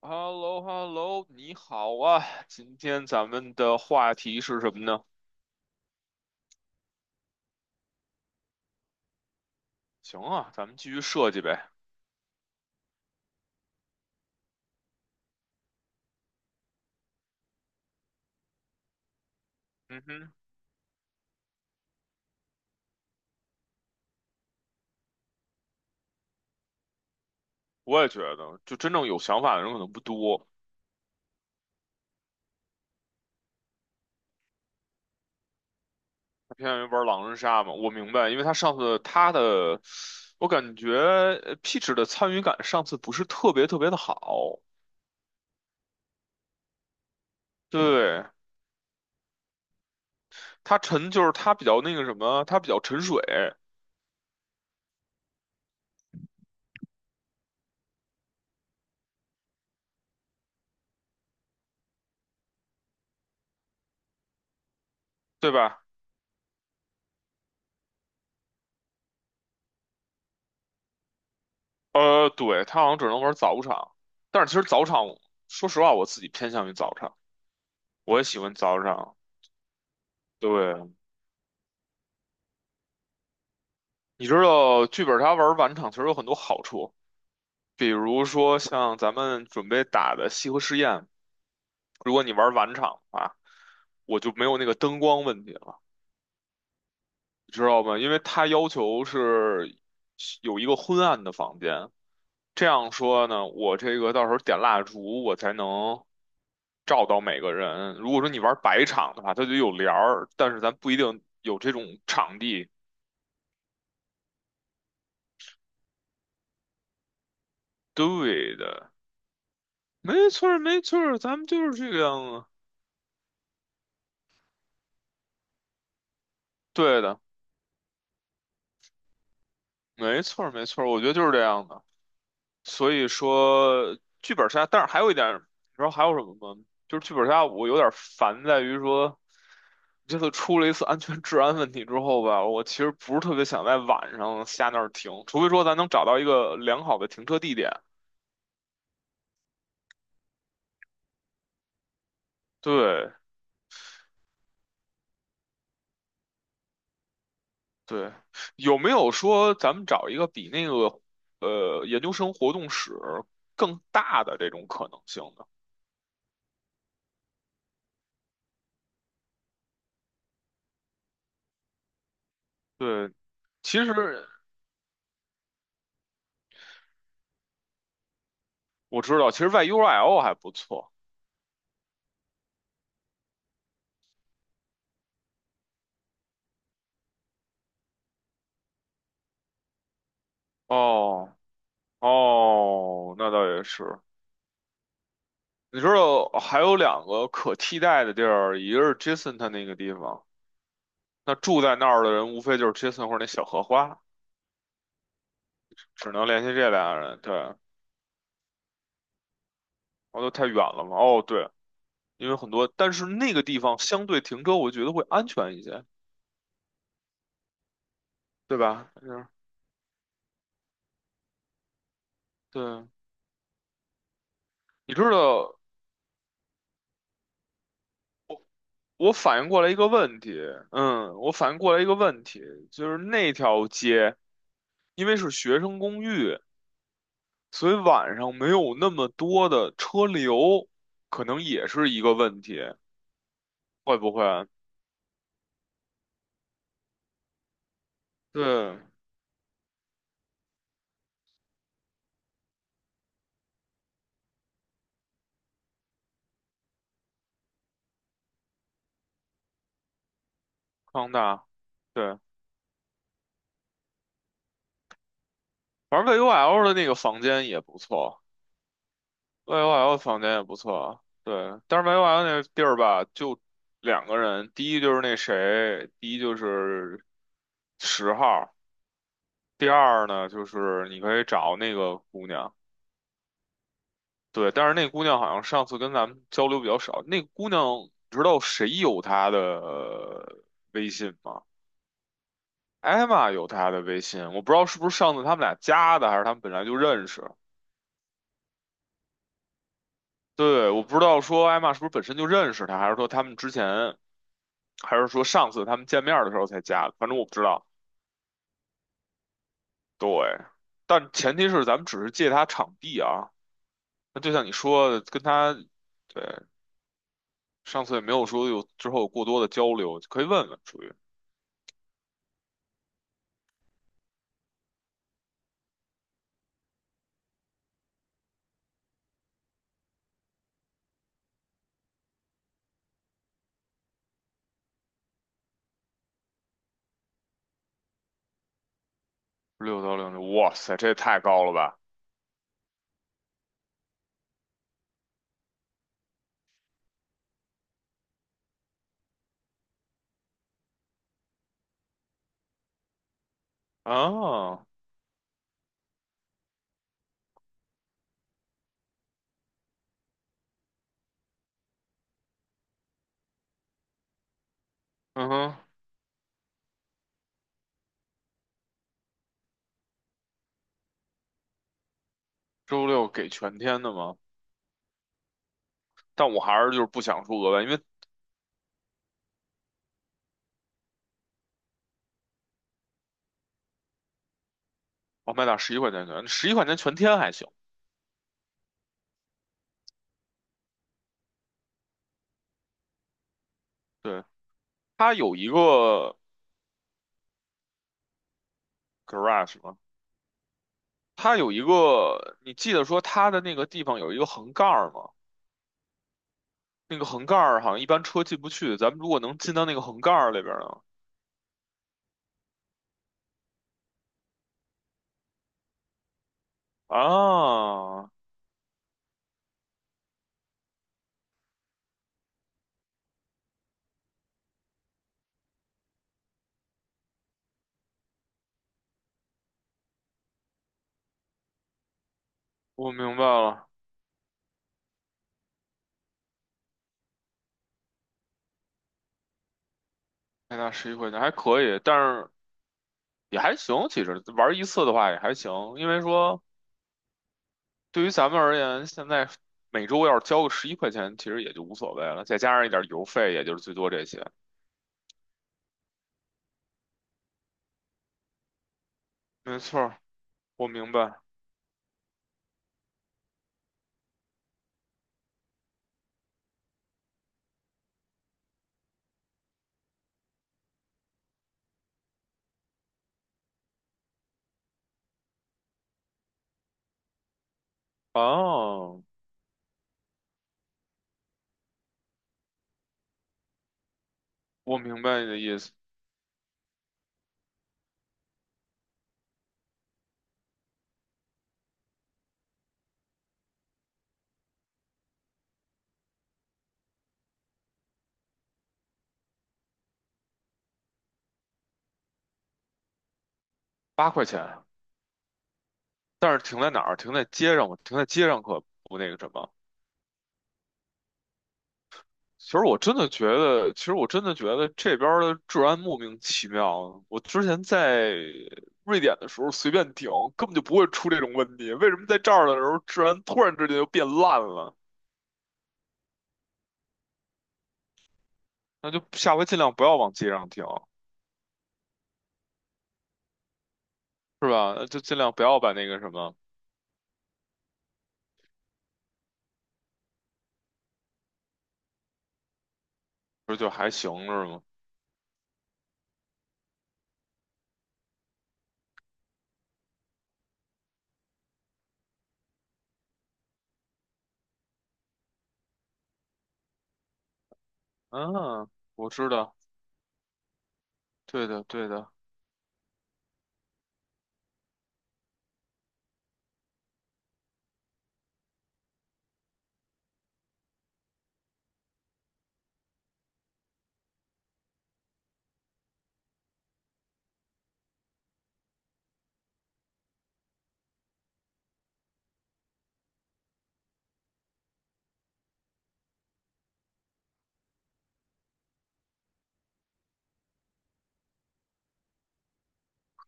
h e l l o h e l l o 你好啊！今天咱们的话题是什么呢？行啊，咱们继续设计呗。嗯哼，我也觉得，就真正有想法的人可能不多，他偏向于玩狼人杀嘛。我明白，因为他上次他的，我感觉Peach 的参与感上次不是特别特别的好。对，就是他比较那个什么，他比较沉水，对吧？对，他好像只能玩早场，但是其实早场，说实话，我自己偏向于早场。我也喜欢早场。对，你知道剧本杀玩晚场其实有很多好处，比如说像咱们准备打的西河试验，如果你玩晚场的话，我就没有那个灯光问题了，你知道吧？因为它要求是有一个昏暗的房间，这样说呢，我这个到时候点蜡烛我才能照到每个人。如果说你玩白场的话，它就有帘儿，但是咱不一定有这种场地。对的。没错儿，没错儿，咱们就是这个样子。对的，没错儿，没错儿，我觉得就是这样的。所以说，剧本杀，但是还有一点你知道还有什么吗？就是剧本杀，我有点烦在于说，这次出了一次安全治安问题之后吧，我其实不是特别想在晚上下那儿停，除非说咱能找到一个良好的停车地点。对对，有没有说咱们找一个比那个研究生活动室更大的这种可能性呢？对，其实我知道，其实 YURL 还不错。哦哦，那倒也是。你知道还有两个可替代的地儿，一个是 Jason 他那个地方，那住在那儿的人无非就是 Jason 或者那小荷花，只能联系这俩人。对，哦，都太远了嘛。哦，对，因为很多，但是那个地方相对停车，我觉得会安全一些，对吧？嗯，对。你知道我反应过来一个问题，嗯，我反应过来一个问题，就是那条街。因为是学生公寓，所以晚上没有那么多的车流，可能也是一个问题，会不会？对，康大，对，反正 VUL 的那个房间也不错，VUL 房间也不错，对，但是 VUL 那个地儿吧，就两个人，第一就是那谁，第一就是10号，第二呢就是你可以找那个姑娘。对，但是那姑娘好像上次跟咱们交流比较少。那个姑娘，你知道谁有她的微信吗？艾玛有她的微信，我不知道是不是上次他们俩加的，还是他们本来就认识。对，我不知道说艾玛是不是本身就认识她，还是说他们之前，还是说上次他们见面的时候才加的，反正我不知道。对，但前提是咱们只是借她场地啊。那就像你说的，跟她，对，上次也没有说有之后有过多的交流，可以问问，属于。六到零六，哇塞，这也太高了吧！啊，嗯哼，周六给全天的吗？但我还是就是不想出额外，因为我麦打十一块钱全天还行。对，它有一个 garage 吗？它有一个，你记得说它的那个地方有一个横杠儿吗？那个横杠儿好像一般车进不去，咱们如果能进到那个横杠儿里边儿呢？啊，我明白了，麦打十一块钱还可以，但是也还行，其实玩一次的话也还行，因为说。对于咱们而言，现在每周要是交个十一块钱，其实也就无所谓了，再加上一点邮费，也就是最多这些。没错儿，我明白。哦，我明白你的意思。8块钱，但是停在哪儿？停在街上，停在街上可不那个什么。其实我真的觉得，其实我真的觉得这边儿的治安莫名其妙。我之前在瑞典的时候随便停，根本就不会出这种问题。为什么在这儿的时候治安突然之间就变烂了？那就下回尽量不要往街上停。是吧？那就尽量不要把那个什么，不是就还行是吗？嗯，我知道，对的对的，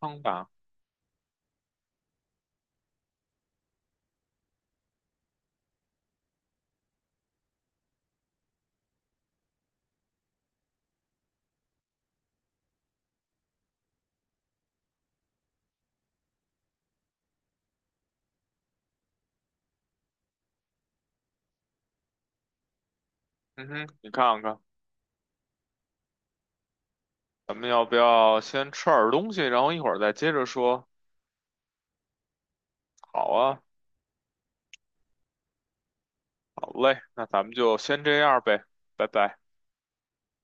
康吧，嗯哼，你看看，咱们要不要先吃点儿东西，然后一会儿再接着说？好啊，好嘞，那咱们就先这样呗，拜拜。